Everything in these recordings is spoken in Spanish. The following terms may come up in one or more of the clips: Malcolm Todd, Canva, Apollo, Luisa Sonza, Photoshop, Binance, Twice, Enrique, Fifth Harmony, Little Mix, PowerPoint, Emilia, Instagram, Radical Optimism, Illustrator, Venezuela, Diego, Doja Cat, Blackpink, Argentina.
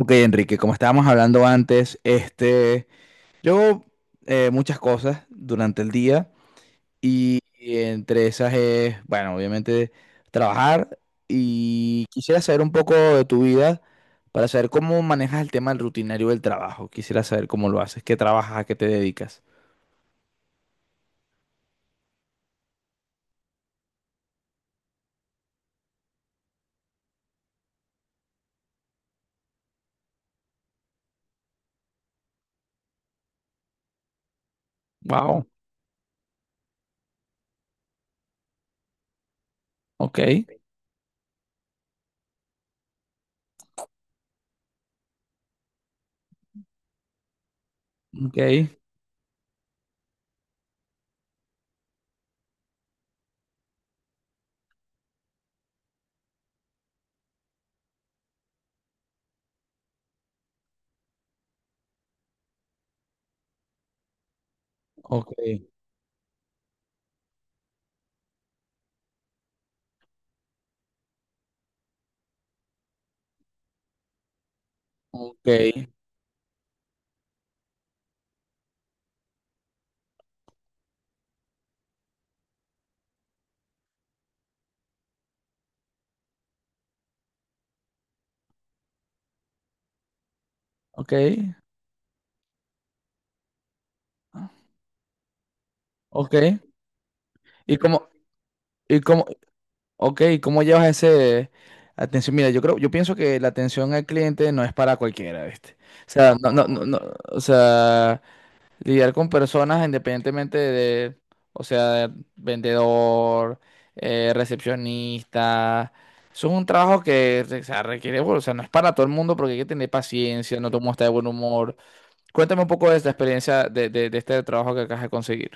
Ok, Enrique, como estábamos hablando antes, yo hago muchas cosas durante el día y entre esas es, bueno, obviamente trabajar, y quisiera saber un poco de tu vida para saber cómo manejas el tema del rutinario del trabajo. Quisiera saber cómo lo haces, qué trabajas, a qué te dedicas. Wow, ok, ok, ok, ok, ok, ok. ¿Y cómo, y cómo, ok, ¿cómo llevas ese atención? Mira, yo creo, yo pienso que la atención al cliente no es para cualquiera, ¿viste? O sea, no, o sea, lidiar con personas independientemente de, o sea, vendedor, recepcionista, eso es un trabajo que, o sea, requiere, bueno, o sea, no es para todo el mundo porque hay que tener paciencia, no todo el mundo está de buen humor. Cuéntame un poco de esta experiencia de este trabajo que acabas de conseguir.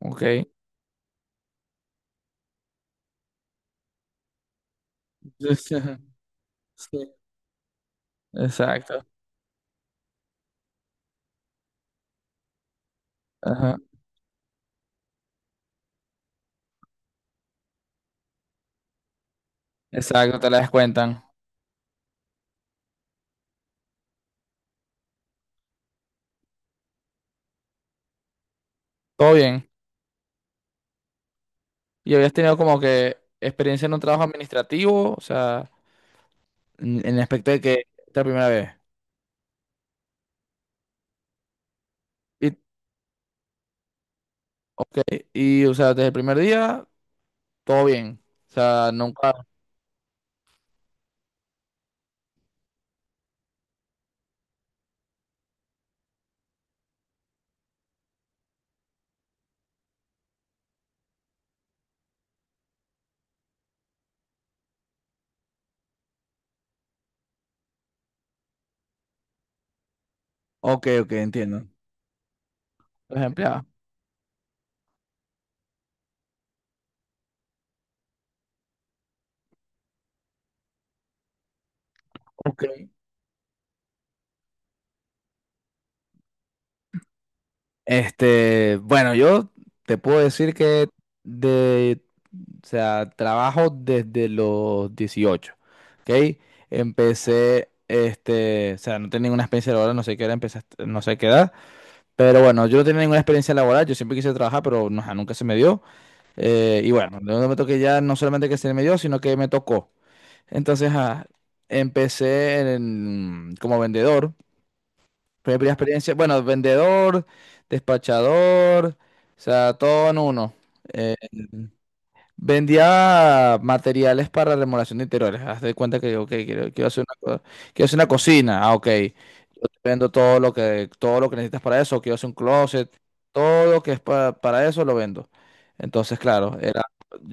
¿Ok? Sí. Exacto. Exacto, te la descuentan. Todo bien. ¿Y habías tenido como que experiencia en un trabajo administrativo? O sea, en el aspecto de que esta es la primera vez. Y, ok, y o sea, desde el primer día, todo bien. O sea, nunca... Ok, ok, entiendo. Los empleados. Ok. Bueno, yo te puedo decir que de, o sea, trabajo desde los 18. ¿Ok? Empecé, o sea, no tenía ninguna experiencia laboral, no sé qué era, empecé, a est- no sé qué edad. Pero bueno, yo no tenía ninguna experiencia laboral, yo siempre quise trabajar, pero no, ajá, nunca se me dio. Y bueno, de momento que ya no solamente que se me dio, sino que me tocó. Entonces, ajá, empecé en- como vendedor. Fue mi primera experiencia, bueno, vendedor, despachador, o sea, todo en uno. Eh, Vendía materiales para remodelación de interiores. Haz de cuenta que, ok, quiero hacer una, co- quiero hacer una cocina. Ah, ok. Yo te vendo todo lo que necesitas para eso. Quiero hacer un closet. Todo lo que es pa- para eso lo vendo. Entonces, claro, era,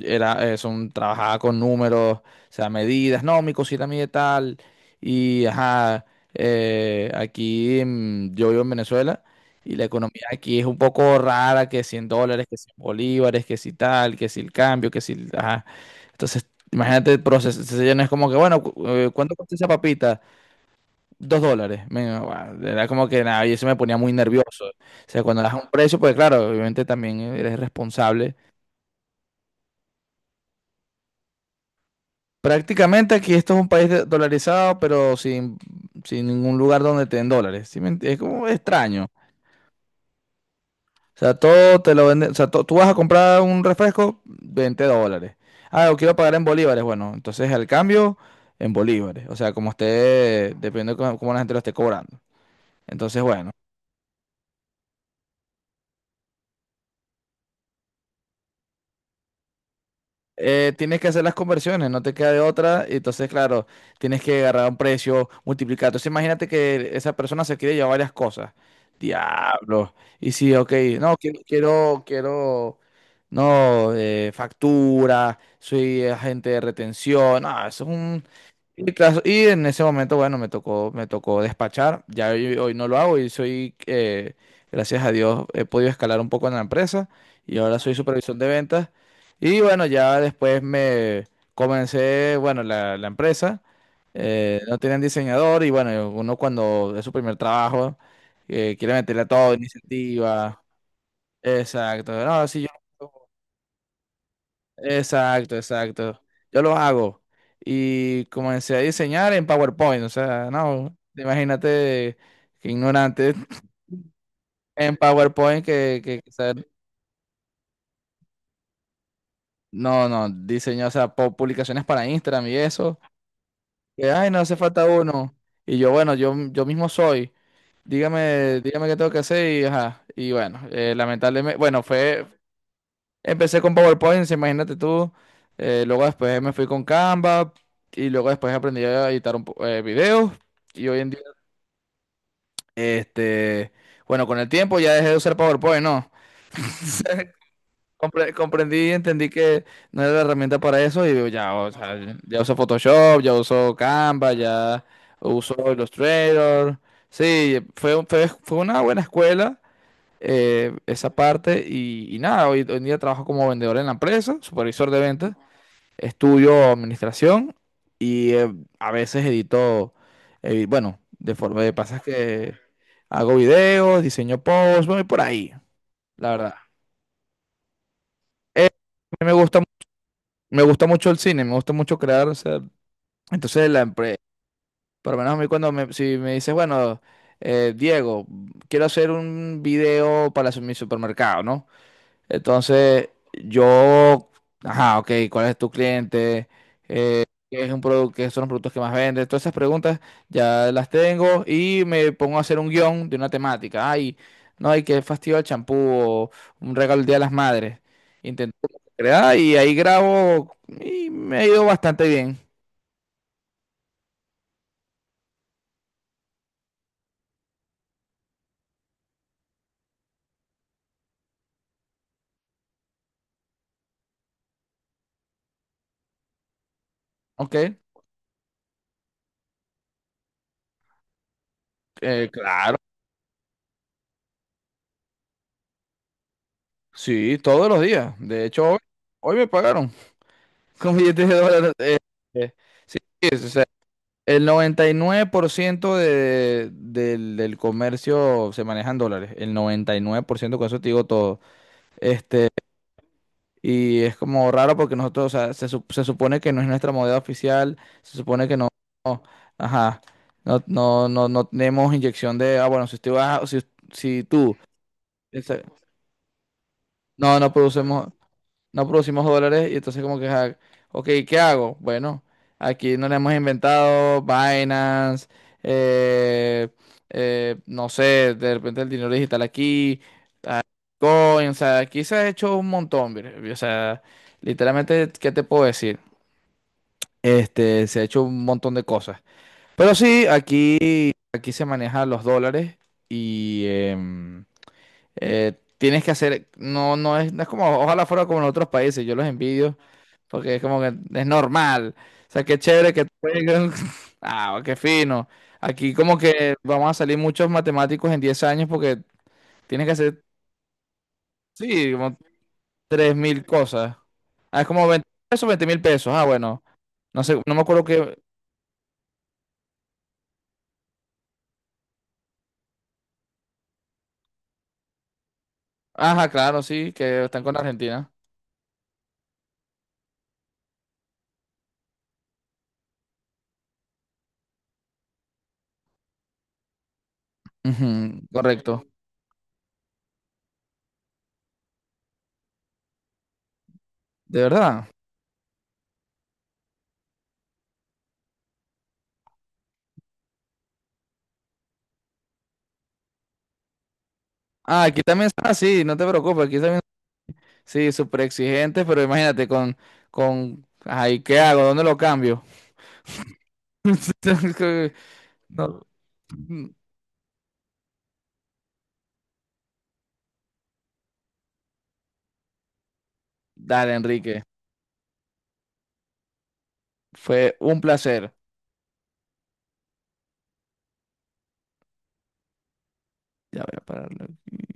era, eh, son, trabajaba con números, o sea, medidas. No, mi cocina mide tal. Y, ajá, aquí yo vivo en Venezuela. Y la economía aquí es un poco rara, que $100, que 100 bolívares, que si tal, que si el cambio, que si... el- Ajá. Entonces, imagínate el proceso. Entonces, ya no es como que, bueno, cu- ¿cuánto cuesta esa papita? $2. Me- guau, era como que nada, y eso me ponía muy nervioso. O sea, cuando das un precio, pues claro, obviamente también eres responsable. Prácticamente aquí esto es un país de- dolarizado, pero sin ningún lugar donde te den dólares. ¿Sí me ent- Es como extraño. O sea, todo te lo venden. O sea, to- tú vas a comprar un refresco, $20. Ah, lo quiero pagar en bolívares. Bueno, entonces el cambio en bolívares. O sea, como esté, dependiendo de cómo la gente lo esté cobrando. Entonces, bueno, tienes que hacer las conversiones, no te queda de otra. Y entonces, claro, tienes que agarrar un precio, multiplicar. Entonces, imagínate que esa persona se quiere llevar varias cosas. Diablo. Y sí, ok, no, quiero, no, factura, soy agente de retención. No, eso es un. Y, tras- y en ese momento, bueno, me tocó despachar. Ya hoy, hoy no lo hago y soy, gracias a Dios, he podido escalar un poco en la empresa y ahora soy supervisor de ventas. Y bueno, ya después me comencé, bueno, la empresa no tenían diseñador y bueno, uno cuando es su primer trabajo, quiere meterle a todo, iniciativa. Exacto. No, sí, yo. Exacto, exacto. Yo lo hago. Y comencé a diseñar en PowerPoint. O sea, no, imagínate que ignorante. En PowerPoint que sea- no, no, diseño, o sea, pu- publicaciones para Instagram y eso. Que, ay, no hace falta uno. Y yo, bueno, yo mismo soy. Dígame qué tengo que hacer y, ajá. Y bueno, lamentablemente, bueno, fue, empecé con PowerPoint, sí, imagínate tú. Luego después me fui con Canva y luego después aprendí a editar un po- videos. Y hoy en día, este, bueno, con el tiempo ya dejé de usar PowerPoint, ¿no? Compre- comprendí y entendí que no era la herramienta para eso y digo, ya, o sea, ya uso Photoshop, ya uso Canva, ya uso Illustrator. Sí, fue, un- fue, fue una buena escuela esa parte y nada, hoy, hoy en día trabajo como vendedor en la empresa, supervisor de ventas. Estudio administración y a veces edito, bueno, de forma de pasas que hago videos, diseño posts, voy por ahí, la verdad. A mí me gusta, mu- me gusta mucho el cine, me gusta mucho crear, o sea, entonces la empresa, por lo menos a mí cuando me, si me dices, bueno, Diego, quiero hacer un video para su- mi supermercado, ¿no? Entonces yo, ajá, ok, ¿cuál es tu cliente? Que es un producto, qué son los productos que más venden. Todas esas preguntas ya las tengo y me pongo a hacer un guión de una temática. Ay, no, hay que fastidio el champú o un regalo el Día de las Madres. Intento crear y ahí grabo y me ha ido bastante bien. ¿Ok? Claro, sí, todos los días. De hecho, hoy, hoy me pagaron con billetes de dólares. Eh, sí, sí, sí, el 99% de- del, del comercio se maneja en dólares. El 99%, con eso te digo todo. Este, y es como raro porque nosotros, o sea, se, sup- se supone que no es nuestra moneda oficial, se supone que no, no, ajá, no tenemos inyección de, ah, bueno, si usted va, si, si tú, esa- no, no producemos, no producimos dólares y entonces como que, ja, ok, ¿qué hago? Bueno, aquí no le hemos inventado Binance, eh, no sé, de repente el dinero digital aquí, Coin, o sea, aquí se ha hecho un montón, mire, o sea, literalmente, ¿qué te puedo decir? Se ha hecho un montón de cosas. Pero sí, aquí, aquí se manejan los dólares y eh, tienes que hacer, no, no es, no es como, ojalá fuera como en otros países, yo los envidio porque es como que es normal. O sea, qué chévere que te Ah, qué fino. Aquí como que vamos a salir muchos matemáticos en 10 años porque tienes que hacer, sí, como 3 mil cosas. Ah, es como 20 pesos, 20 mil pesos. Ah, bueno. No sé, no me acuerdo que... Ajá, claro, sí, que están con Argentina. Ujú, correcto. ¿De verdad? Ah, aquí también son así, no te preocupes, aquí también... Sí, súper exigentes, pero imagínate con... Ay, ¿qué hago? ¿Dónde lo cambio? No. mm, Dale, Enrique. Fue un placer. Ya voy a pararlo aquí.